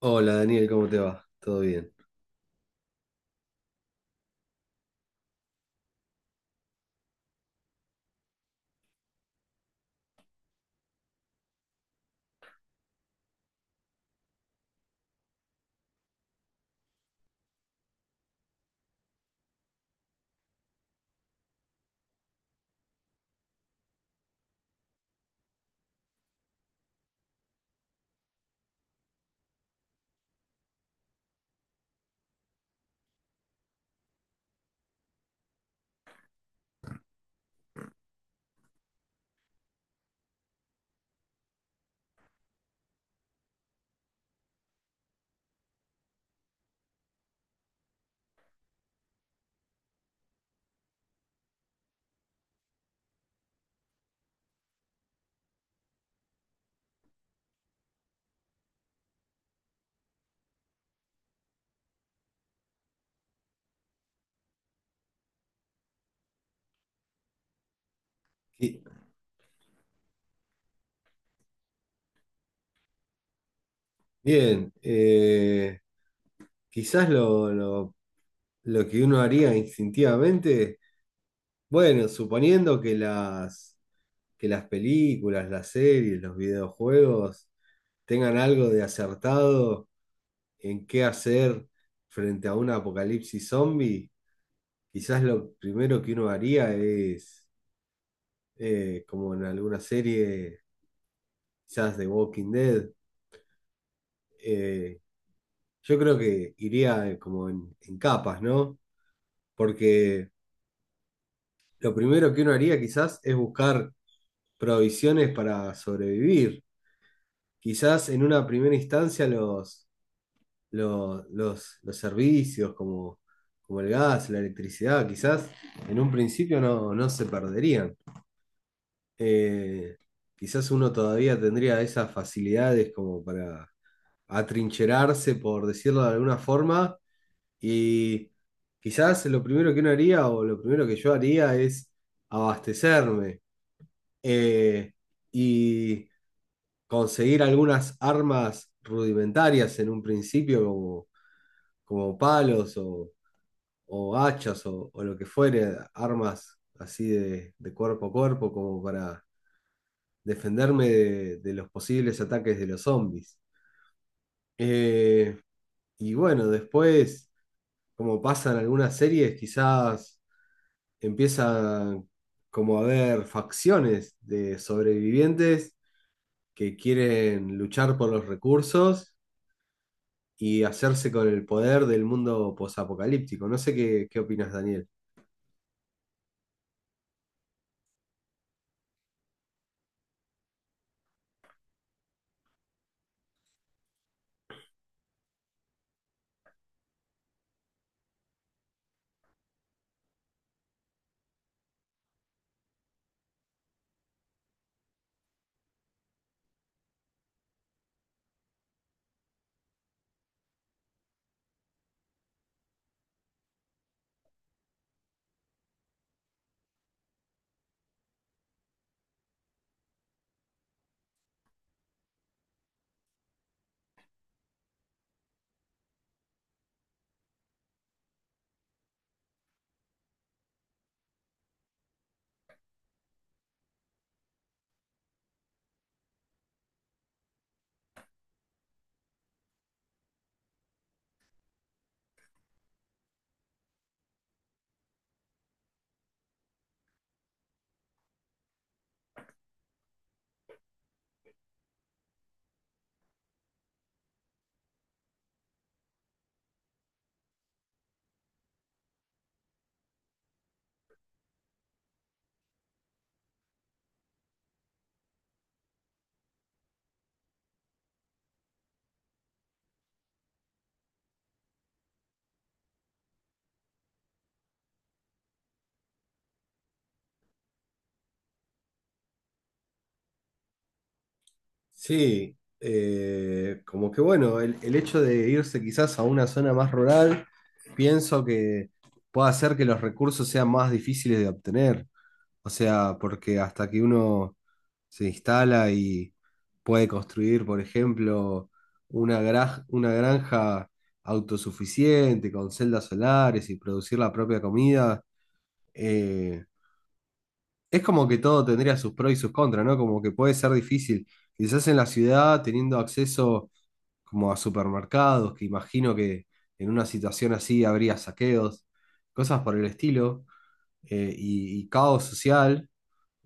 Hola Daniel, ¿cómo te va? ¿Todo bien? Qui- Bien. Quizás lo que uno haría instintivamente, bueno, suponiendo que las películas, las series, los videojuegos tengan algo de acertado en qué hacer frente a un apocalipsis zombie, quizás lo primero que uno haría es, como en alguna serie, quizás de Walking Dead, eh, yo creo que iría, como en capas, ¿no? Porque lo primero que uno haría quizás es buscar provisiones para sobrevivir. Quizás en una primera instancia los servicios como, como el gas, la electricidad, quizás en un principio no se perderían. Eh, Quizás uno todavía tendría esas facilidades como para atrincherarse, por decirlo de alguna forma. Y quizás lo primero que uno haría o lo primero que yo haría es abastecerme, eh, y conseguir algunas armas rudimentarias en un principio como, como palos o hachas o lo que fuere, armas así de cuerpo a cuerpo como para defenderme de los posibles ataques de los zombies. Eh, y bueno, después, como pasan algunas series, quizás empiezan como a haber facciones de sobrevivientes que quieren luchar por los recursos y hacerse con el poder del mundo posapocalíptico. No sé qué, qué opinas, Daniel. Sí, como que bueno, el hecho de irse quizás a una zona más rural, pienso que puede hacer que los recursos sean más difíciles de obtener. O sea, porque hasta que uno se instala y puede construir, por ejemplo, una una granja autosuficiente con celdas solares y producir la propia comida, eh, es como que todo tendría sus pros y sus contras, ¿no? Como que puede ser difícil. Quizás en la ciudad, teniendo acceso como a supermercados, que imagino que en una situación así habría saqueos, cosas por el estilo, y caos social,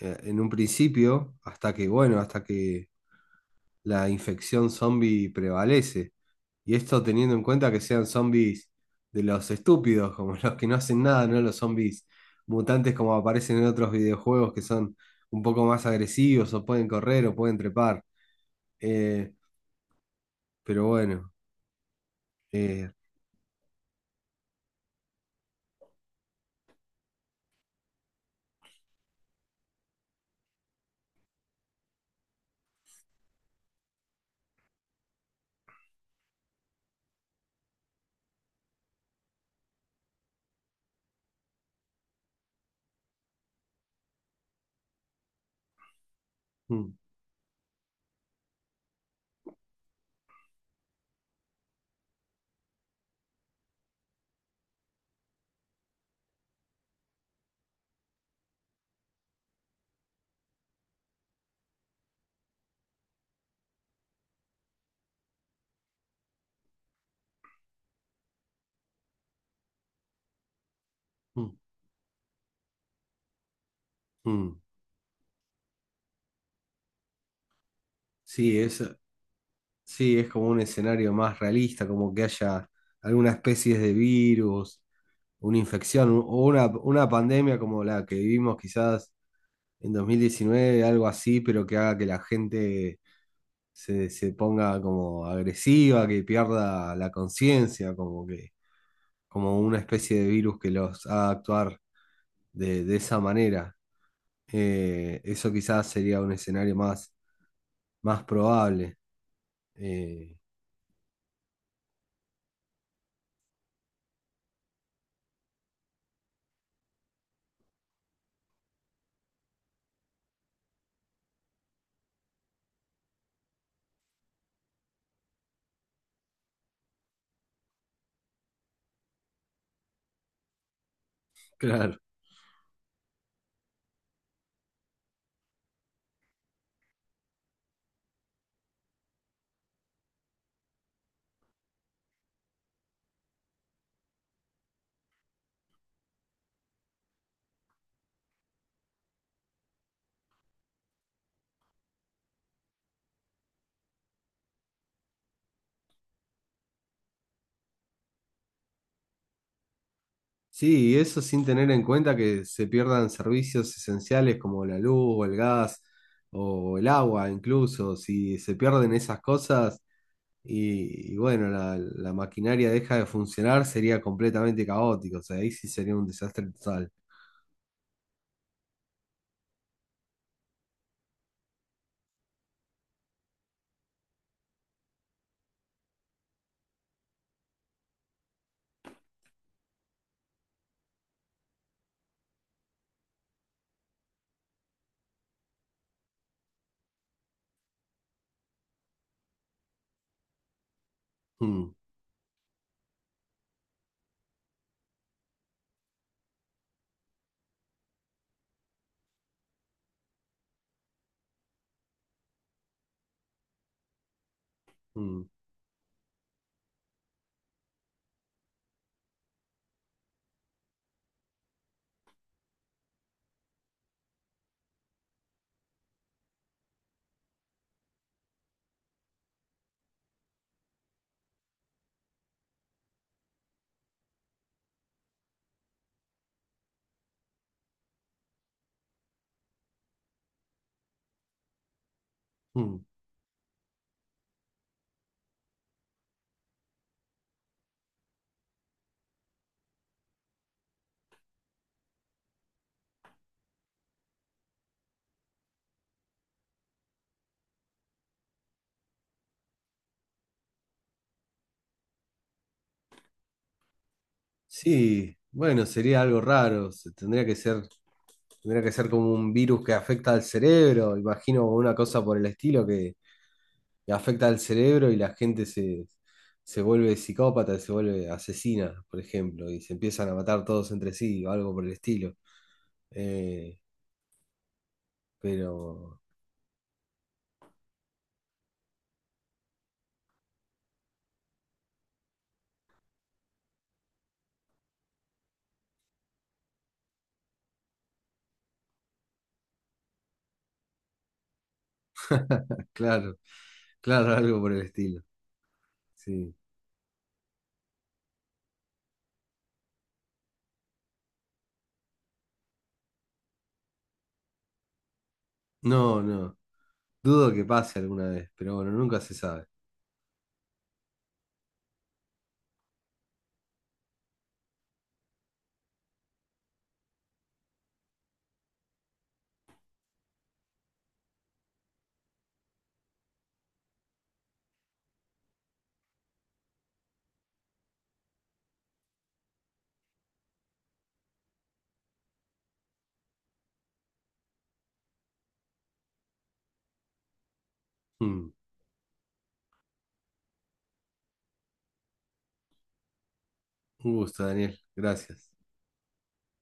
en un principio, hasta que, bueno, hasta que la infección zombie prevalece. Y esto teniendo en cuenta que sean zombies de los estúpidos, como los que no hacen nada, no los zombies mutantes como aparecen en otros videojuegos que son un poco más agresivos o pueden correr o pueden trepar. Eh, pero bueno, eh, mm, mm, mm. Sí, sí, es como un escenario más realista, como que haya alguna especie de virus, una o una pandemia como la que vivimos quizás en 2019, algo así, pero que haga que la gente se ponga como agresiva, que pierda la conciencia, como que, como una especie de virus que los haga actuar de esa manera. Eso quizás sería un escenario más, más probable. Eh, claro. Sí, y eso sin tener en cuenta que se pierdan servicios esenciales como la luz o el gas o el agua, incluso. Si se pierden esas cosas, y bueno, la maquinaria deja de funcionar, sería completamente caótico, o sea, ahí sí sería un desastre total. Mm, mm, mm. Sí, bueno, sería algo raro, tendría que ser como un virus que afecta al cerebro, imagino una cosa por el estilo que afecta al cerebro y la gente se vuelve psicópata, se vuelve asesina, por ejemplo, y se empiezan a matar todos entre sí o algo por el estilo. Eh, pero... Claro, claro, algo por el estilo. Sí. No, no. Dudo que pase alguna vez, pero bueno, nunca se sabe. Mm. Un gusto, Daniel. Gracias.